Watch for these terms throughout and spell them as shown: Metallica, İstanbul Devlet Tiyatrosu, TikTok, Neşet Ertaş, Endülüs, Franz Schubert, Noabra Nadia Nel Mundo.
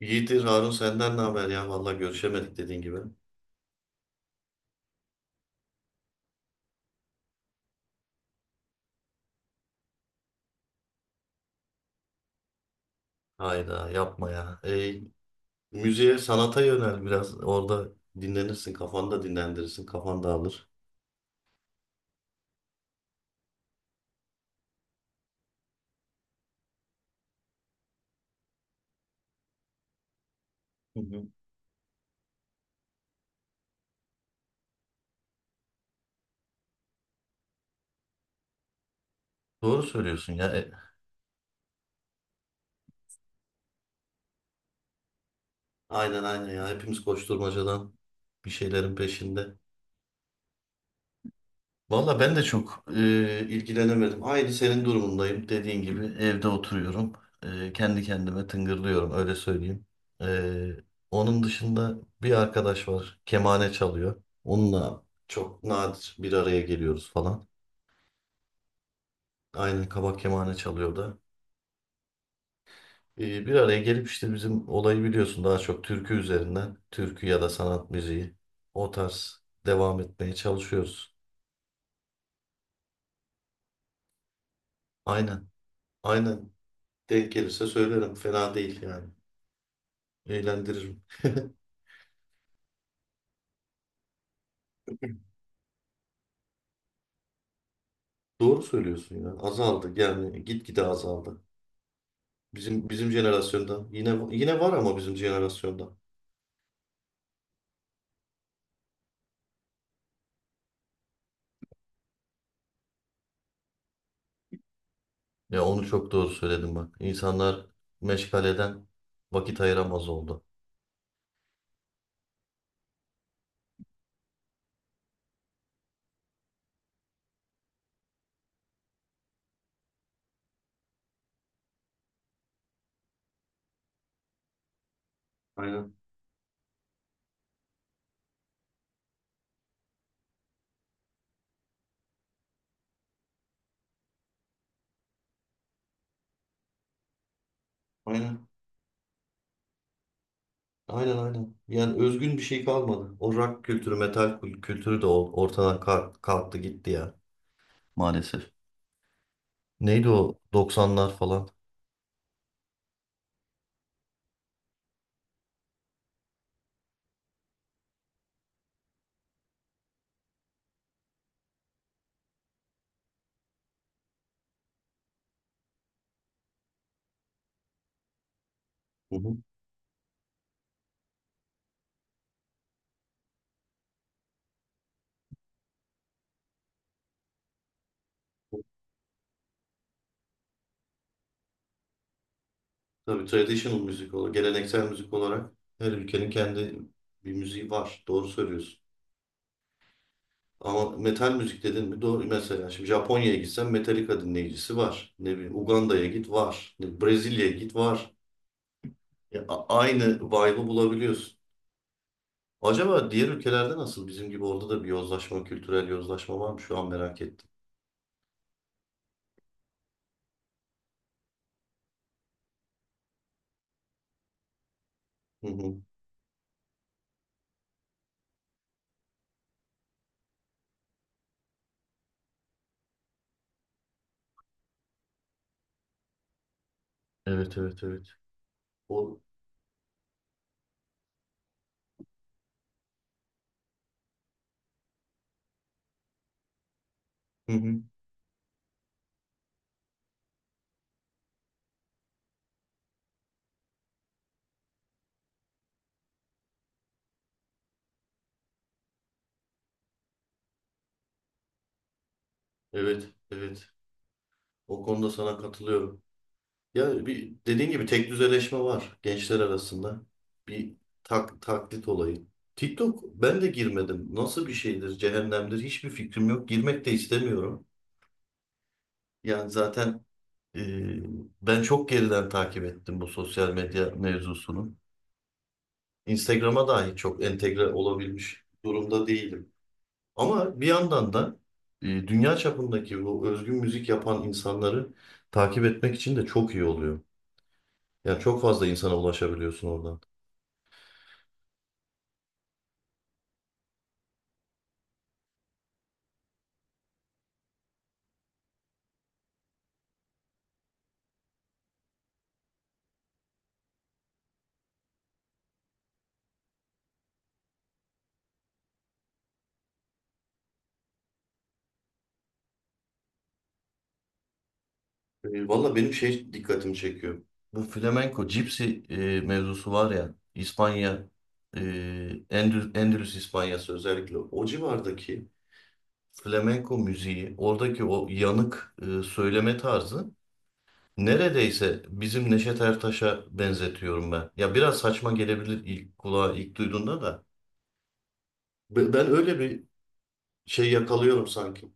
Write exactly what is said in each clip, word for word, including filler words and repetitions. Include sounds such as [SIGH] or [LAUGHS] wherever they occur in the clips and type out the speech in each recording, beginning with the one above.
İyidir Harun senden ne haber ya? Vallahi görüşemedik dediğin gibi. Hayda yapma ya. E, müziğe, sanata yönel biraz. Orada dinlenirsin, kafanı da dinlendirirsin, kafan dağılır. Hı hı. Doğru söylüyorsun ya. E, aynen aynen ya. Hepimiz koşturmacadan bir şeylerin peşinde. Valla ben de çok e, ilgilenemedim. Aynı senin durumundayım. Dediğin gibi evde oturuyorum. E, kendi kendime tıngırlıyorum öyle söyleyeyim. E, Onun dışında bir arkadaş var. Kemane çalıyor. Onunla çok nadir bir araya geliyoruz falan. Aynen kabak kemane çalıyor da. E, bir araya gelip işte bizim olayı biliyorsun daha çok türkü üzerinden. Türkü ya da sanat müziği. O tarz devam etmeye çalışıyoruz. Aynen. Aynen. Denk gelirse söylerim. Fena değil yani. Eğlendiririm. [LAUGHS] Doğru söylüyorsun ya. Azaldı yani gitgide azaldı. Bizim bizim jenerasyonda yine yine var ama bizim jenerasyonda. Ya onu çok doğru söyledim bak. İnsanlar meşgaleden vakit ayıramaz oldu. Aynen. Aynen. Aynen aynen. Yani özgün bir şey kalmadı. O rock kültürü, metal kül- kültürü de ol- ortadan kalk- kalktı gitti ya maalesef. Neydi o doksanlar falan? Hı hı. Tabii traditional müzik olarak, geleneksel müzik olarak her ülkenin kendi bir müziği var. Doğru söylüyorsun. Ama metal müzik dedin mi? Doğru. Mesela şimdi Japonya'ya gitsen Metallica dinleyicisi var. Ne bileyim Uganda'ya git var. Ne- bileyim, Brezilya'ya git var. Ya, a- aynı vibe'ı bulabiliyorsun. Acaba diğer ülkelerde nasıl? Bizim gibi orada da bir yozlaşma, kültürel yozlaşma var mı? Şu an merak ettim. Hı hı. Evet, evet, evet. O... Hı hı. Evet, evet. O konuda sana katılıyorum. Ya bir dediğin gibi tek düzeleşme var gençler arasında. Bir tak, taklit olayı. TikTok ben de girmedim. Nasıl bir şeydir, cehennemdir hiçbir fikrim yok. Girmek de istemiyorum. Yani zaten e, ben çok geriden takip ettim bu sosyal medya mevzusunu. Instagram'a dahi çok entegre olabilmiş durumda değilim. Ama bir yandan da e, dünya çapındaki bu özgün müzik yapan insanları takip etmek için de çok iyi oluyor. Yani çok fazla insana ulaşabiliyorsun oradan. E, Valla benim şey dikkatimi çekiyor. Bu flamenco, cipsi e, mevzusu var ya, İspanya, e, Endül- Endülüs İspanyası özellikle o civardaki flamenco müziği, oradaki o yanık e, söyleme tarzı neredeyse bizim Neşet Ertaş'a benzetiyorum ben. Ya biraz saçma gelebilir ilk kulağa ilk duyduğunda da. Be- Ben öyle bir şey yakalıyorum sanki.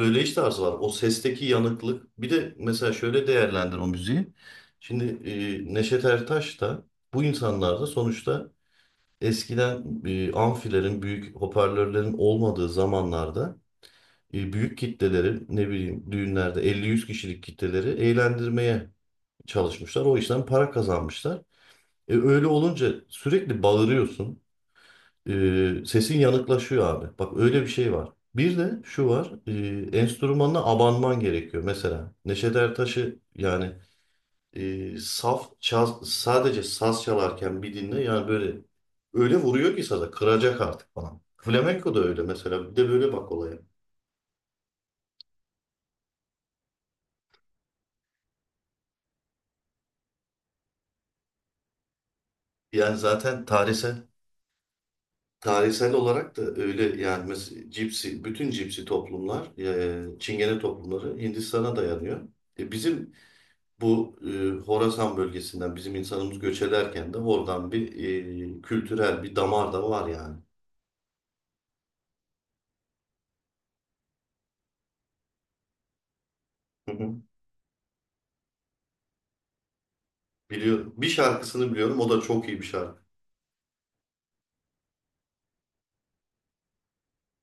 Söyleyiş tarzı var. O sesteki yanıklık. Bir de mesela şöyle değerlendir o müziği. Şimdi e, Neşet Ertaş da bu insanlar da sonuçta eskiden e, amfilerin, büyük hoparlörlerin olmadığı zamanlarda e, büyük kitleleri ne bileyim düğünlerde elli yüz kişilik kitleleri eğlendirmeye çalışmışlar. O işten para kazanmışlar. E, öyle olunca sürekli bağırıyorsun. Ee, sesin yanıklaşıyor abi. Bak öyle bir şey var. Bir de şu var. E, enstrümanına abanman gerekiyor. Mesela Neşet Ertaş'ı yani e, saf çaz- sadece saz çalarken bir dinle yani böyle öyle vuruyor ki saza kıracak artık falan. Flamenco da öyle mesela. Bir de böyle bak olaya. Yani zaten tarihsel tarihsel olarak da öyle yani mesela cipsi bütün cipsi toplumlar e, Çingene toplumları Hindistan'a dayanıyor. E, bizim Bu e, Horasan bölgesinden bizim insanımız göç ederken de oradan bir e, kültürel bir damar da var yani. Hı hı. Biliyorum. Bir şarkısını biliyorum. O da çok iyi bir şarkı.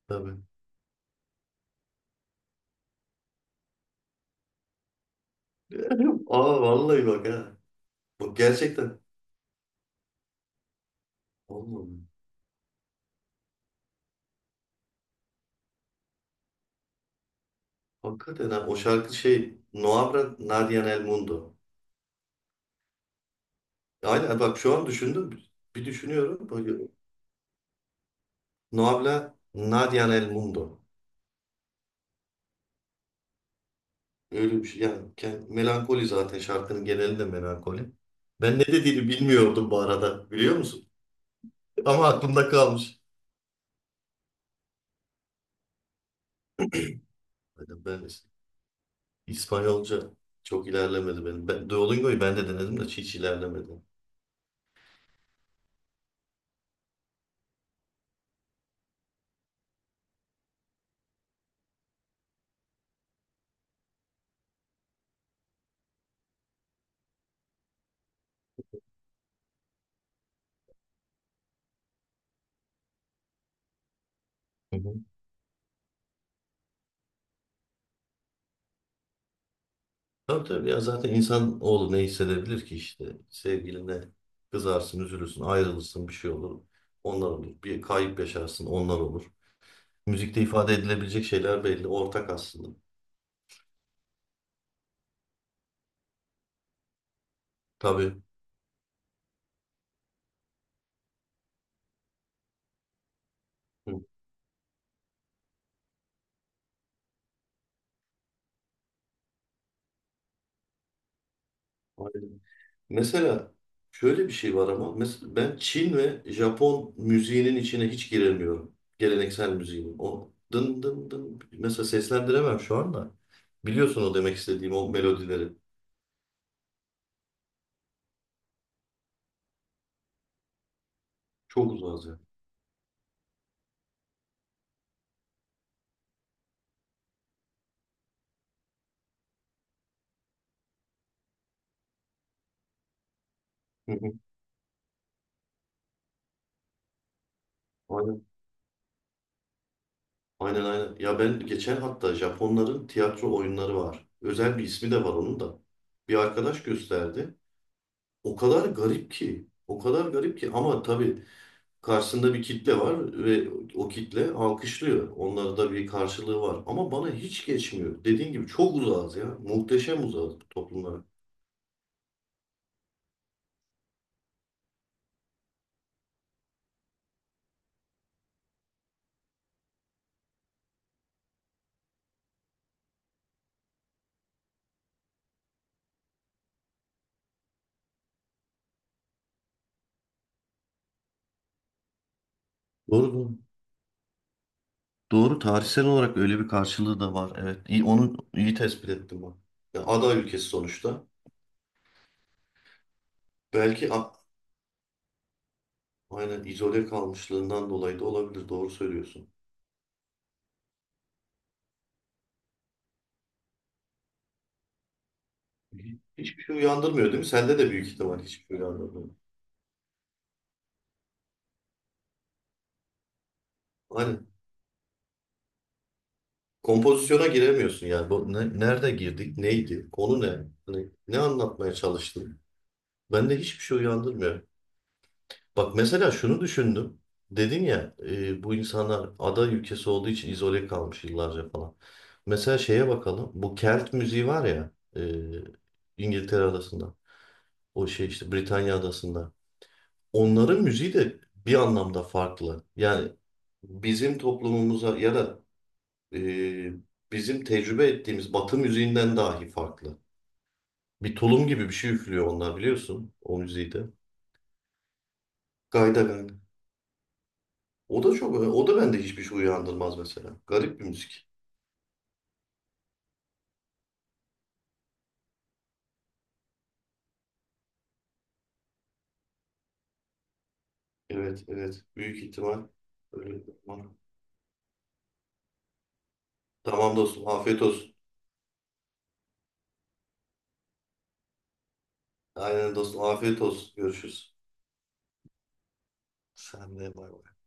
Tabii. [LAUGHS] Aa vallahi bak ha. Bak gerçekten. Oğlum, hakikaten ha. O şarkı şey Noabra Nadia Nel Mundo. Aynen bak şu an düşündüm. Bir düşünüyorum. Böyle, Noabra Nadia Nel Mundo. Öyle bir şey. Yani kend- melankoli zaten şarkının genelinde melankoli. Ben ne dediğini bilmiyordum bu arada biliyor musun? Ama aklımda kalmış. Hani Ben İspanyolca çok ilerlemedi benim. Ben, Duolingo'yu ben de denedim de hiç ilerlemedi. Hı hı. Tabii tabii ya zaten insan oğlu ne hissedebilir ki işte sevgiline kızarsın, üzülürsün, ayrılırsın bir şey olur. Onlar olur. Bir kayıp yaşarsın, onlar olur. Müzikte ifade edilebilecek şeyler belli, ortak aslında. Tabii. Hı. Aynen. Mesela şöyle bir şey var ama mesela ben Çin ve Japon müziğinin içine hiç giremiyorum. Geleneksel müziğin. O dın dın dın mesela seslendiremem şu anda. Biliyorsun o demek istediğim o melodileri. Çok uzağız ya. Hı hı. Aynen. Aynen aynen. Ya ben geçen hatta Japonların tiyatro oyunları var. Özel bir ismi de var onun da. Bir arkadaş gösterdi. O kadar garip ki. O kadar garip ki ama tabii karşısında bir kitle var ve o kitle alkışlıyor. Onlarda da bir karşılığı var. Ama bana hiç geçmiyor. Dediğin gibi çok uzağız ya. Muhteşem uzağız bu toplumlara. Doğru doğru. Doğru tarihsel olarak öyle bir karşılığı da var. Evet. İyi, onu iyi tespit ettim ben. Ya ada ülkesi sonuçta. Belki a- aynen izole kalmışlığından dolayı da olabilir. Doğru söylüyorsun. Hiçbir şey uyandırmıyor değil mi? Sende de büyük ihtimal hiçbir şey uyandırmıyor. Aynen. Kompozisyona giremiyorsun yani. Bu ne- nerede girdik? Neydi? Konu ne? Hani ne anlatmaya çalıştın? Bende hiçbir şey uyandırmıyor. Bak mesela şunu düşündüm. Dedin ya e, bu insanlar ada ülkesi olduğu için izole kalmış yıllarca falan. Mesela şeye bakalım. Bu Kelt müziği var ya e, İngiltere adasında. O şey işte Britanya adasında. Onların müziği de bir anlamda farklı. Yani bizim toplumumuza ya da e, bizim tecrübe ettiğimiz Batı müziğinden dahi farklı. Bir tulum gibi bir şey üflüyor onlar biliyorsun o müziği de. Gayda gayda. O da çok o da bende hiçbir şey uyandırmaz mesela. Garip bir müzik. Evet evet büyük ihtimal öyle. Tamam dostum afiyet olsun. Aynen dostum afiyet olsun. Görüşürüz. Sen de bay bay.